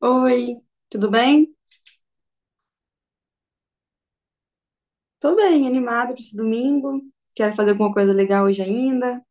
Oi, tudo bem? Tô bem, animada pra esse domingo. Quero fazer alguma coisa legal hoje ainda.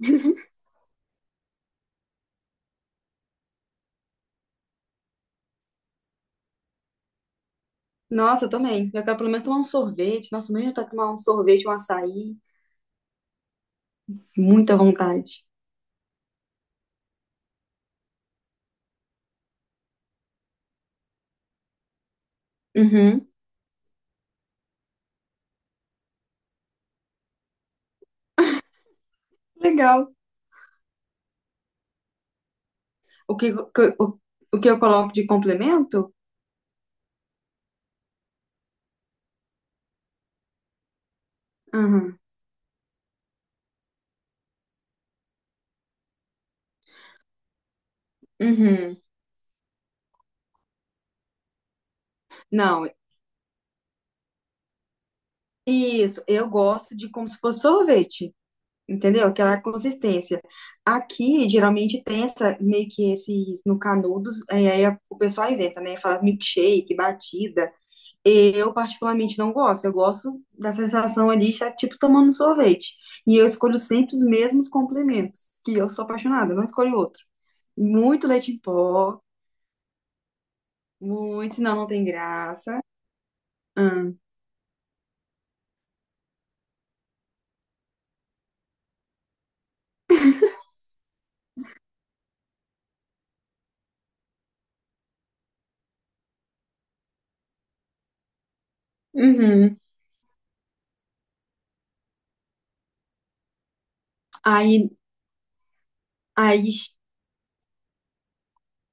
Nossa, eu também. Eu quero pelo menos tomar um sorvete. Nossa, mesmo tá tomar um sorvete, um açaí. Muita vontade. Uhum. Legal. O que, que- o, o que eu coloco de complemento? Uhum. Uhum. Não, isso. Eu gosto de como se fosse sorvete. Entendeu? Aquela consistência. Aqui, geralmente, tem essa, meio que esses, no canudos, aí, o pessoal inventa, né? Fala milkshake, batida. Eu, particularmente, não gosto. Eu gosto da sensação ali, de estar, tipo, tomando um sorvete. E eu escolho sempre os mesmos complementos, que eu sou apaixonada, não escolho outro. Muito leite em pó, muito, senão não tem graça. Hum. Uhum. Aí, aí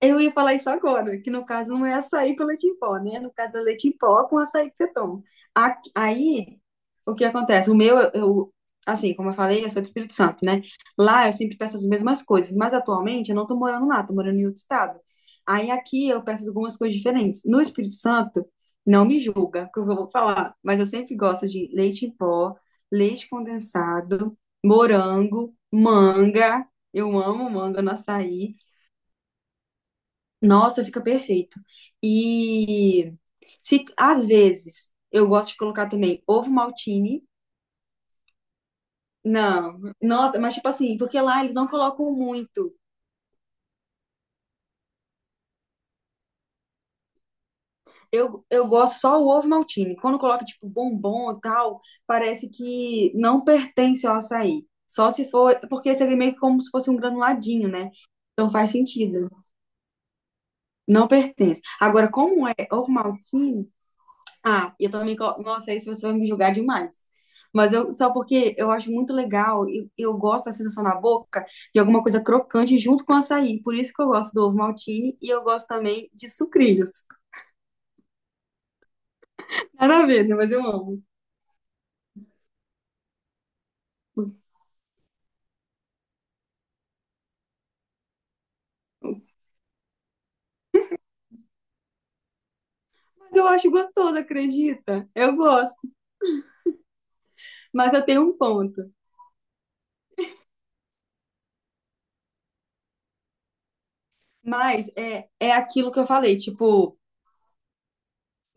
Eu ia falar isso agora, que no caso não é açaí com leite em pó, né? No caso é leite em pó com açaí que você toma. Aí, o que acontece? O meu, eu- assim, como eu falei, eu sou do Espírito Santo, né? Lá eu sempre peço as mesmas coisas, mas atualmente eu não tô morando lá, tô morando em outro estado. Aí aqui eu peço algumas coisas diferentes. No Espírito Santo, não me julga, que eu vou falar, mas eu sempre gosto de leite em pó, leite condensado, morango, manga. Eu amo manga no açaí. Nossa, fica perfeito. E se às vezes eu gosto de colocar também ovo maltine. Não, nossa, mas tipo assim, porque lá eles não colocam muito. Eu gosto só o ovo maltine. Quando coloca tipo bombom e tal, parece que não pertence ao açaí. Só se for, porque seria meio que como se fosse um granuladinho, né? Então faz sentido. Não pertence. Agora, como é ovo maltine, Ah, eu também. Nossa, aí você vai me julgar demais. Mas eu só porque eu acho muito legal e eu, gosto da sensação na boca de alguma coisa crocante junto com açaí. Por isso que eu gosto do ovo maltine e eu gosto também de sucrilhos. Nada a ver, né? Mas eu amo. Mas eu acho gostoso, acredita? Eu gosto. Mas eu tenho um ponto. Mas é aquilo que eu falei, tipo.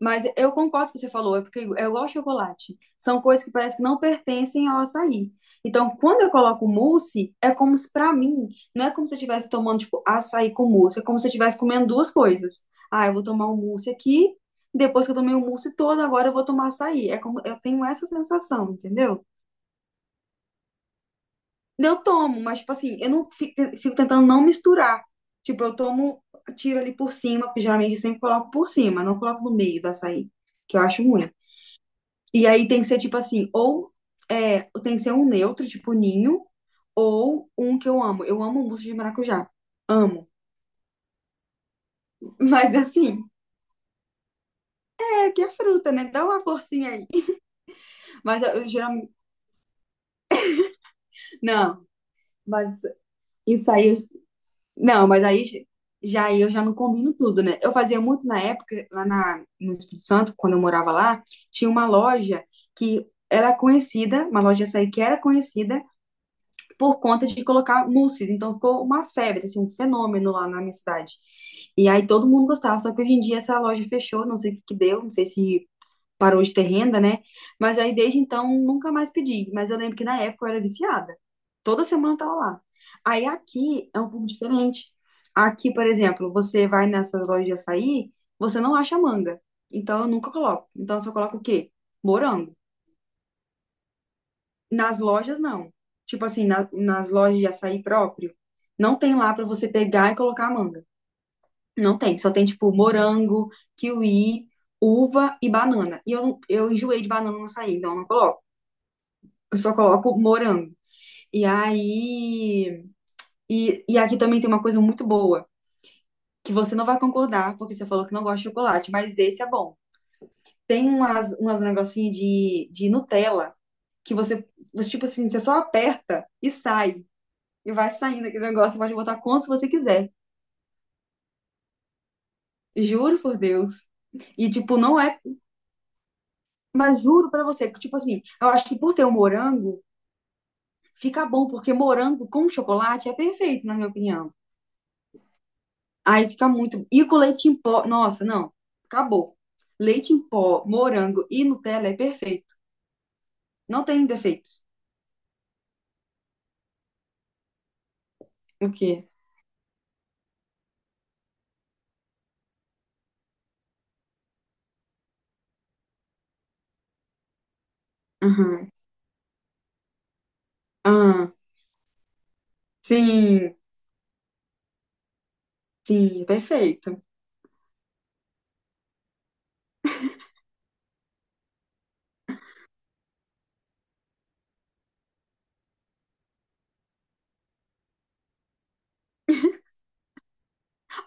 Mas eu concordo com o que você falou, é porque eu gosto de chocolate. São coisas que parece que não pertencem ao açaí. Então, quando eu coloco mousse, é como se, pra mim, não é como se eu estivesse tomando, tipo, açaí com mousse, é como se eu estivesse comendo duas coisas. Ah, eu vou tomar um mousse aqui, depois que eu tomei o mousse todo, agora eu vou tomar açaí. É como, eu tenho essa sensação, entendeu? Eu tomo, mas, tipo assim, eu não fico tentando não misturar. Tipo, eu tomo, tiro ali por cima, porque geralmente eu sempre coloco por cima, não coloco no meio do açaí, que eu acho ruim. E aí tem que ser tipo assim, ou é, tem que ser um neutro, tipo ninho, ou um que eu amo. Eu amo mousse de maracujá. Amo. Mas assim, é que é fruta, né? Dá uma forcinha aí. Mas eu geralmente. Não, mas isso aí. Não, mas aí já eu já não combino tudo, né? Eu fazia muito na época, lá no Espírito Santo, quando eu morava lá, tinha uma loja que era conhecida, uma loja açaí que era conhecida por conta de colocar mousses. Então ficou uma febre, assim, um fenômeno lá na minha cidade. E aí todo mundo gostava, só que hoje em dia essa loja fechou, não sei o que que deu, não sei se parou de ter renda, né? Mas aí desde então nunca mais pedi. Mas eu lembro que na época eu era viciada. Toda semana eu tava lá. Aí aqui é um pouco diferente. Aqui, por exemplo, você vai nessas lojas de açaí, você não acha manga. Então eu nunca coloco. Então eu só coloco o quê? Morango. Nas lojas, não. Tipo assim, nas lojas de açaí próprio, não tem lá pra você pegar e colocar a manga. Não tem. Só tem, tipo, morango, kiwi, uva e banana. E eu enjoei de banana no açaí, então eu não coloco. Eu só coloco morango. E aí. E aqui também tem uma coisa muito boa, que você não vai concordar, porque você falou que não gosta de chocolate, mas esse é bom. Tem umas negocinhos de Nutella que você, tipo assim, você só aperta e sai. E vai saindo aquele negócio. Você pode botar quantos você quiser. Juro por Deus. E, tipo, não é. Mas juro pra você, que, tipo assim, eu acho que por ter o morango, fica bom, porque morango com chocolate é perfeito, na minha opinião. Aí fica muito. E com leite em pó. Nossa, não. Acabou. Leite em pó, morango e Nutella é perfeito. Não tem defeitos. O quê? Aham. Ah, sim. Sim, é perfeito.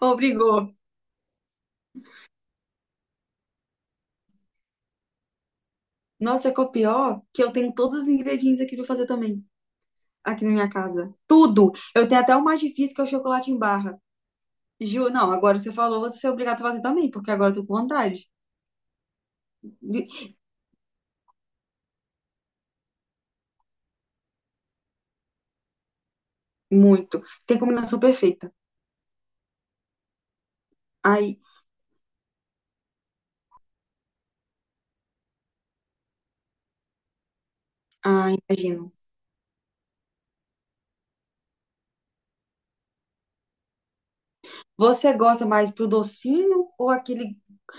Obrigou. Nossa, é que é o pior que eu tenho todos os ingredientes aqui pra fazer também. Aqui na minha casa. Tudo. Eu tenho até o mais difícil, que é o chocolate em barra. Não, agora você falou, você é obrigado a fazer também, porque agora eu tô com vontade. Muito. Tem combinação perfeita. Ai, ai, imagino. Você gosta mais pro docinho ou aquele.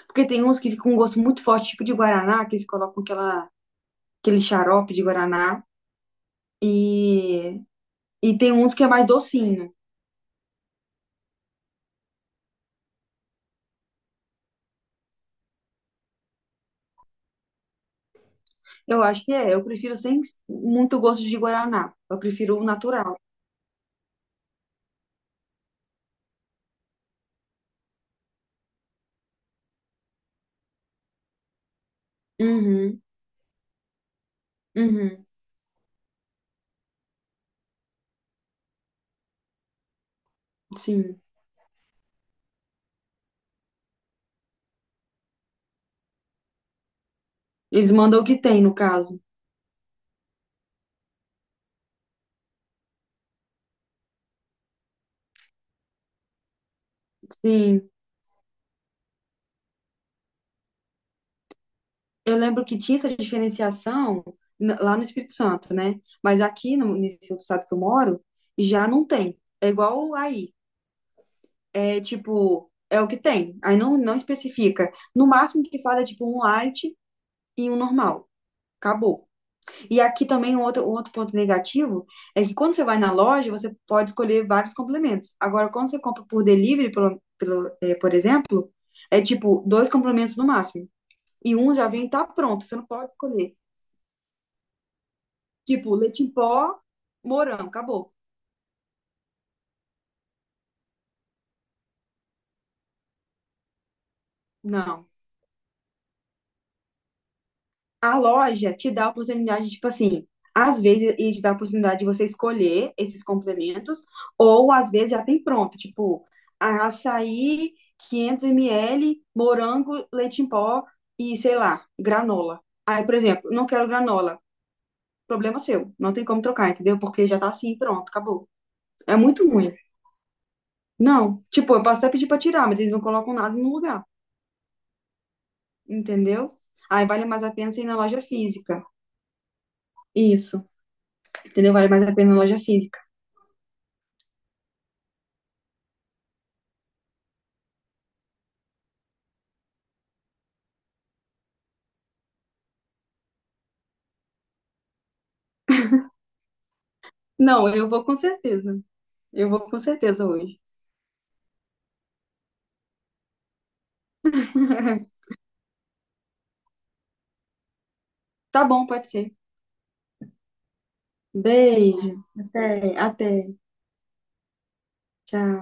Porque tem uns que ficam com um gosto muito forte, tipo de guaraná, que eles colocam aquela, aquele xarope de guaraná. E, e tem uns que é mais docinho. Eu acho que é. Eu prefiro sem muito gosto de guaraná. Eu prefiro o natural. Uhum, uhum. Sim. Eles mandam o que tem, no caso. Sim. Eu lembro que tinha essa diferenciação lá no Espírito Santo, né? Mas aqui, no, nesse outro estado que eu moro, já não tem. É igual aí. É tipo, é o que tem. Aí não especifica. No máximo que fala é tipo um light e um normal. Acabou. E aqui também um outro, ponto negativo é que quando você vai na loja, você pode escolher vários complementos. Agora, quando você compra por delivery, por exemplo, é tipo dois complementos no máximo. E um já vem, tá pronto, você não pode escolher. Tipo, leite em pó, morango, acabou. Não. A loja te dá a oportunidade, tipo assim, às vezes ele te dá a oportunidade de você escolher esses complementos, ou às vezes já tem pronto, tipo, açaí, 500 ml, morango, leite em pó e, sei lá, granola. Aí, por exemplo, não quero granola. Problema seu. Não tem como trocar, entendeu? Porque já tá assim, pronto, acabou. É muito ruim. Não. Tipo, eu posso até pedir pra tirar, mas eles não colocam nada no lugar. Entendeu? Aí vale mais a pena você ir na loja física. Isso, entendeu? Vale mais a pena na loja física. Não, eu vou com certeza. Eu vou com certeza hoje. Tá bom, pode ser. Beijo. Até, até. Tchau.